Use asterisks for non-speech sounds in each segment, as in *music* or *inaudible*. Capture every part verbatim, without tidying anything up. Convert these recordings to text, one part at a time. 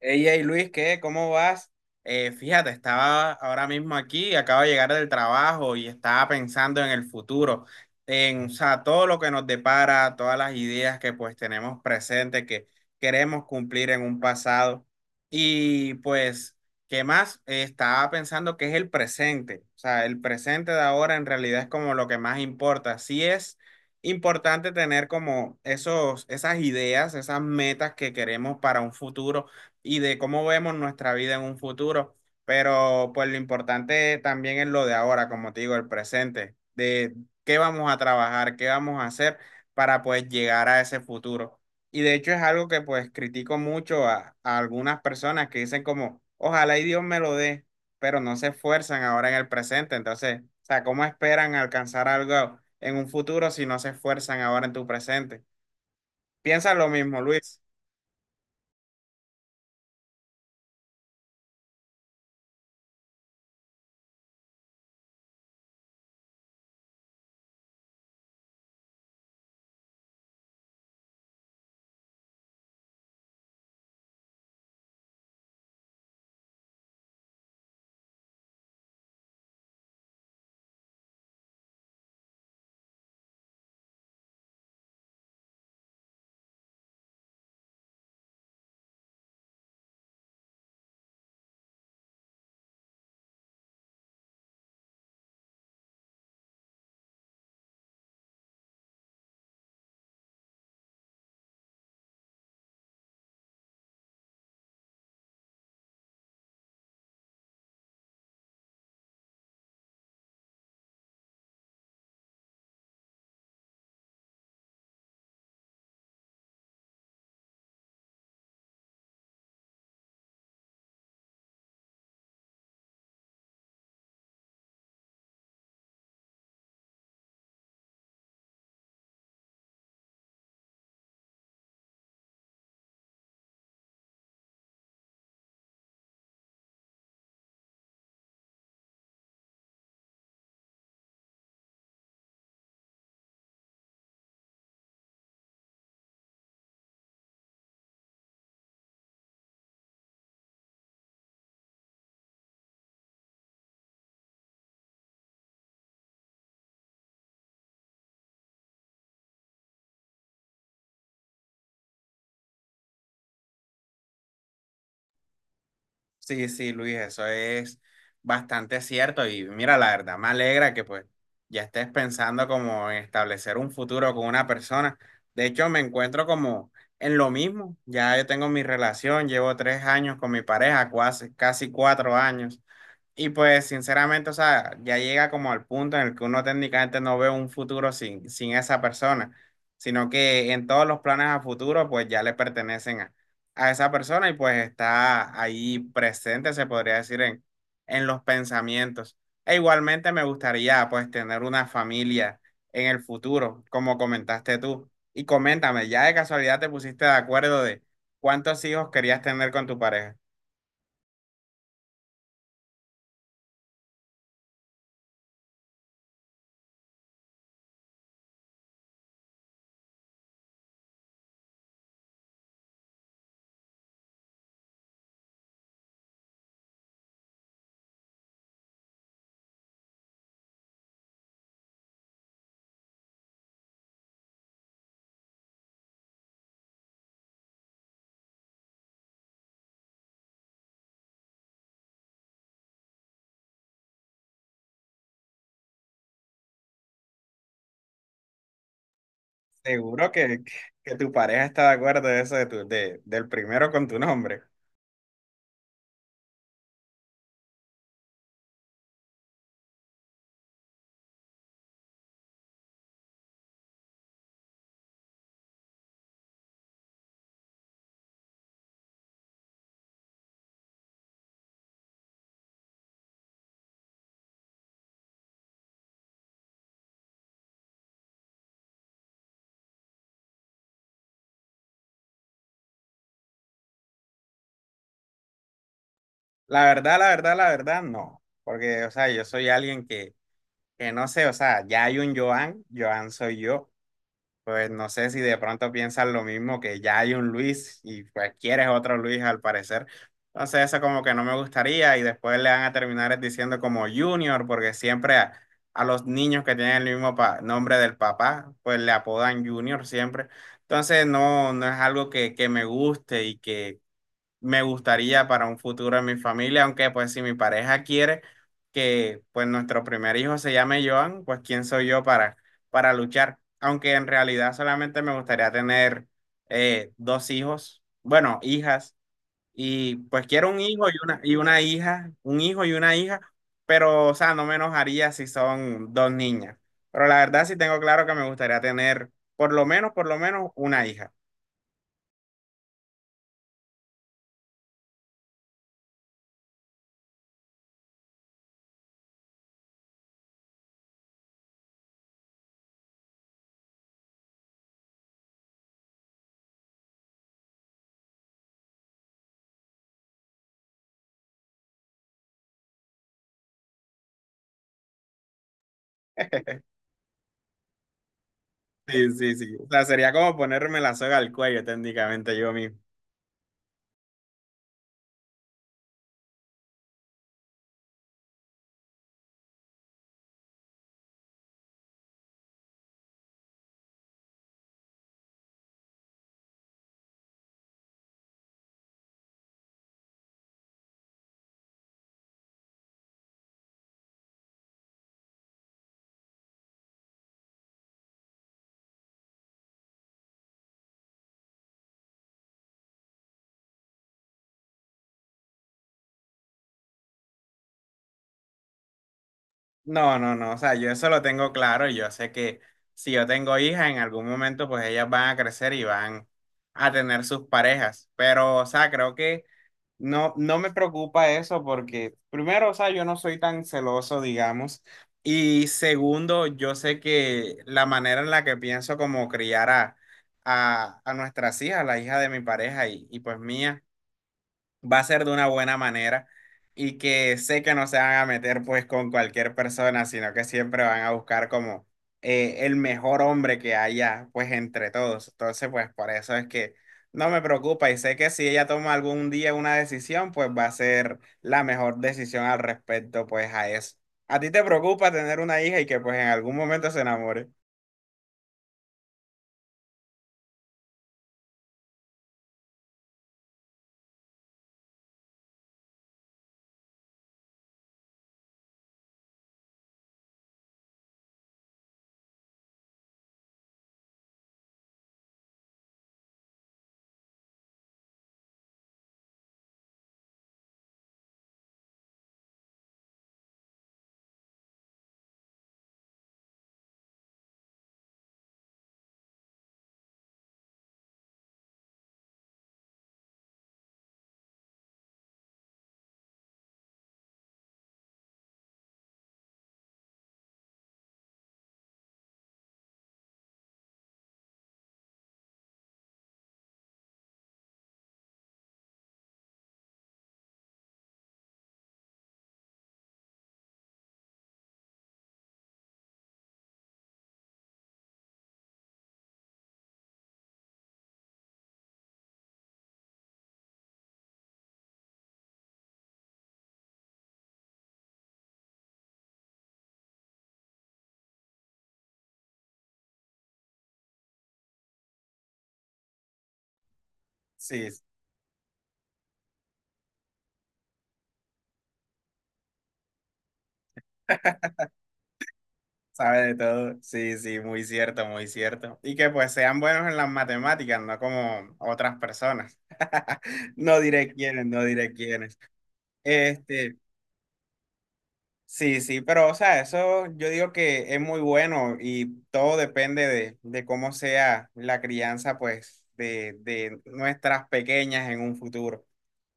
Ella y Luis, ¿qué? ¿Cómo vas? Eh, fíjate, estaba ahora mismo aquí, acabo de llegar del trabajo y estaba pensando en el futuro, en, o sea, todo lo que nos depara, todas las ideas que pues tenemos presentes, que queremos cumplir en un pasado. Y pues, ¿qué más? Eh, estaba pensando que es el presente, o sea, el presente de ahora en realidad es como lo que más importa. Sí es importante tener como esos, esas ideas, esas metas que queremos para un futuro y de cómo vemos nuestra vida en un futuro. Pero pues lo importante también es lo de ahora, como te digo, el presente, de qué vamos a trabajar, qué vamos a hacer para pues llegar a ese futuro. Y de hecho es algo que pues critico mucho a, a algunas personas que dicen como, ojalá y Dios me lo dé, pero no se esfuerzan ahora en el presente. Entonces, o sea, ¿cómo esperan alcanzar algo en un futuro si no se esfuerzan ahora en tu presente? Piensa lo mismo, Luis. Sí, sí, Luis, eso es bastante cierto y mira, la verdad me alegra que pues ya estés pensando como en establecer un futuro con una persona. De hecho, me encuentro como en lo mismo. Ya yo tengo mi relación, llevo tres años con mi pareja, cuasi- casi cuatro años. Y pues sinceramente, o sea, ya llega como al punto en el que uno técnicamente no ve un futuro sin, sin esa persona, sino que en todos los planes a futuro pues ya le pertenecen a, a esa persona y pues está ahí presente, se podría decir, en, en los pensamientos. E igualmente me gustaría pues tener una familia en el futuro, como comentaste tú. Y coméntame, ¿ya de casualidad te pusiste de acuerdo de cuántos hijos querías tener con tu pareja? Seguro que, que tu pareja está de acuerdo de eso de tu, de, del primero con tu nombre. La verdad, la verdad, la verdad, no. Porque, o sea, yo soy alguien que, que no sé, o sea, ya hay un Joan, Joan soy yo. Pues no sé si de pronto piensan lo mismo, que ya hay un Luis y pues quieres otro Luis al parecer. Entonces eso como que no me gustaría y después le van a terminar diciendo como Junior, porque siempre a, a los niños que tienen el mismo pa- nombre del papá, pues le apodan Junior siempre. Entonces no, no es algo que, que me guste y que me gustaría para un futuro en mi familia, aunque pues si mi pareja quiere que pues nuestro primer hijo se llame Joan, pues quién soy yo para, para luchar, aunque en realidad solamente me gustaría tener eh, dos hijos, bueno, hijas, y pues quiero un hijo y una, y una hija, un hijo y una hija, pero o sea, no me enojaría si son dos niñas, pero la verdad sí tengo claro que me gustaría tener por lo menos, por lo menos una hija. Sí, sí, sí. O sea, sería como ponerme la soga al cuello técnicamente yo mismo. No, no, no. O sea, yo eso lo tengo claro. y Yo sé que si yo tengo hijas, en algún momento pues ellas van a crecer y van a tener sus parejas. Pero, o sea, creo que no, no me preocupa eso porque, primero, o sea, yo no soy tan celoso, digamos. Y segundo, yo sé que la manera en la que pienso como criar a, a, a nuestras hijas, la hija de mi pareja y, y pues mía va a ser de una buena manera y que sé que no se van a meter pues con cualquier persona, sino que siempre van a buscar como eh, el mejor hombre que haya pues entre todos. Entonces pues por eso es que no me preocupa y sé que si ella toma algún día una decisión pues va a ser la mejor decisión al respecto pues a eso. ¿A ti te preocupa tener una hija y que pues en algún momento se enamore? Sí. Sabe de todo. Sí, sí, muy cierto, muy cierto. Y que pues sean buenos en las matemáticas, no como otras personas. *laughs* No diré quiénes, no diré quiénes. Este, sí, sí, pero o sea, eso yo digo que es muy bueno y todo depende de, de cómo sea la crianza, pues, de, de nuestras pequeñas en un futuro.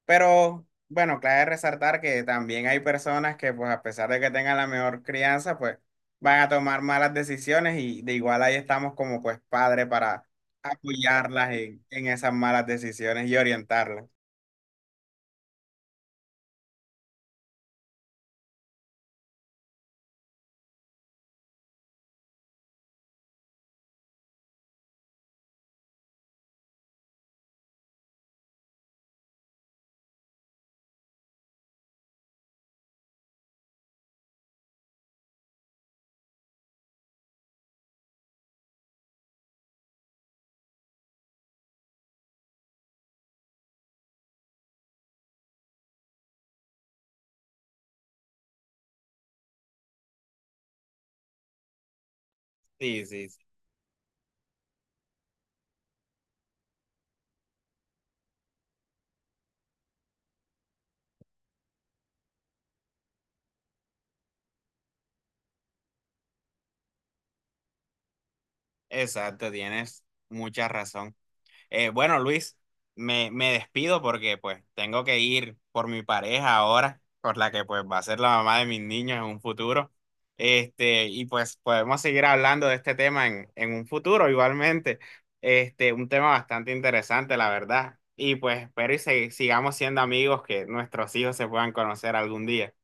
Pero bueno, clave resaltar que también hay personas que pues a pesar de que tengan la mejor crianza, pues van a tomar malas decisiones y de igual ahí estamos como pues padre para apoyarlas en, en esas malas decisiones y orientarlas. Sí, sí, sí. Exacto, tienes mucha razón. Eh, bueno, Luis, me, me despido porque pues tengo que ir por mi pareja ahora, por la que pues va a ser la mamá de mis niños en un futuro. Este, y pues podemos seguir hablando de este tema en, en un futuro igualmente. Este, un tema bastante interesante, la verdad. Y pues espero y se- sigamos siendo amigos, que nuestros hijos se puedan conocer algún día.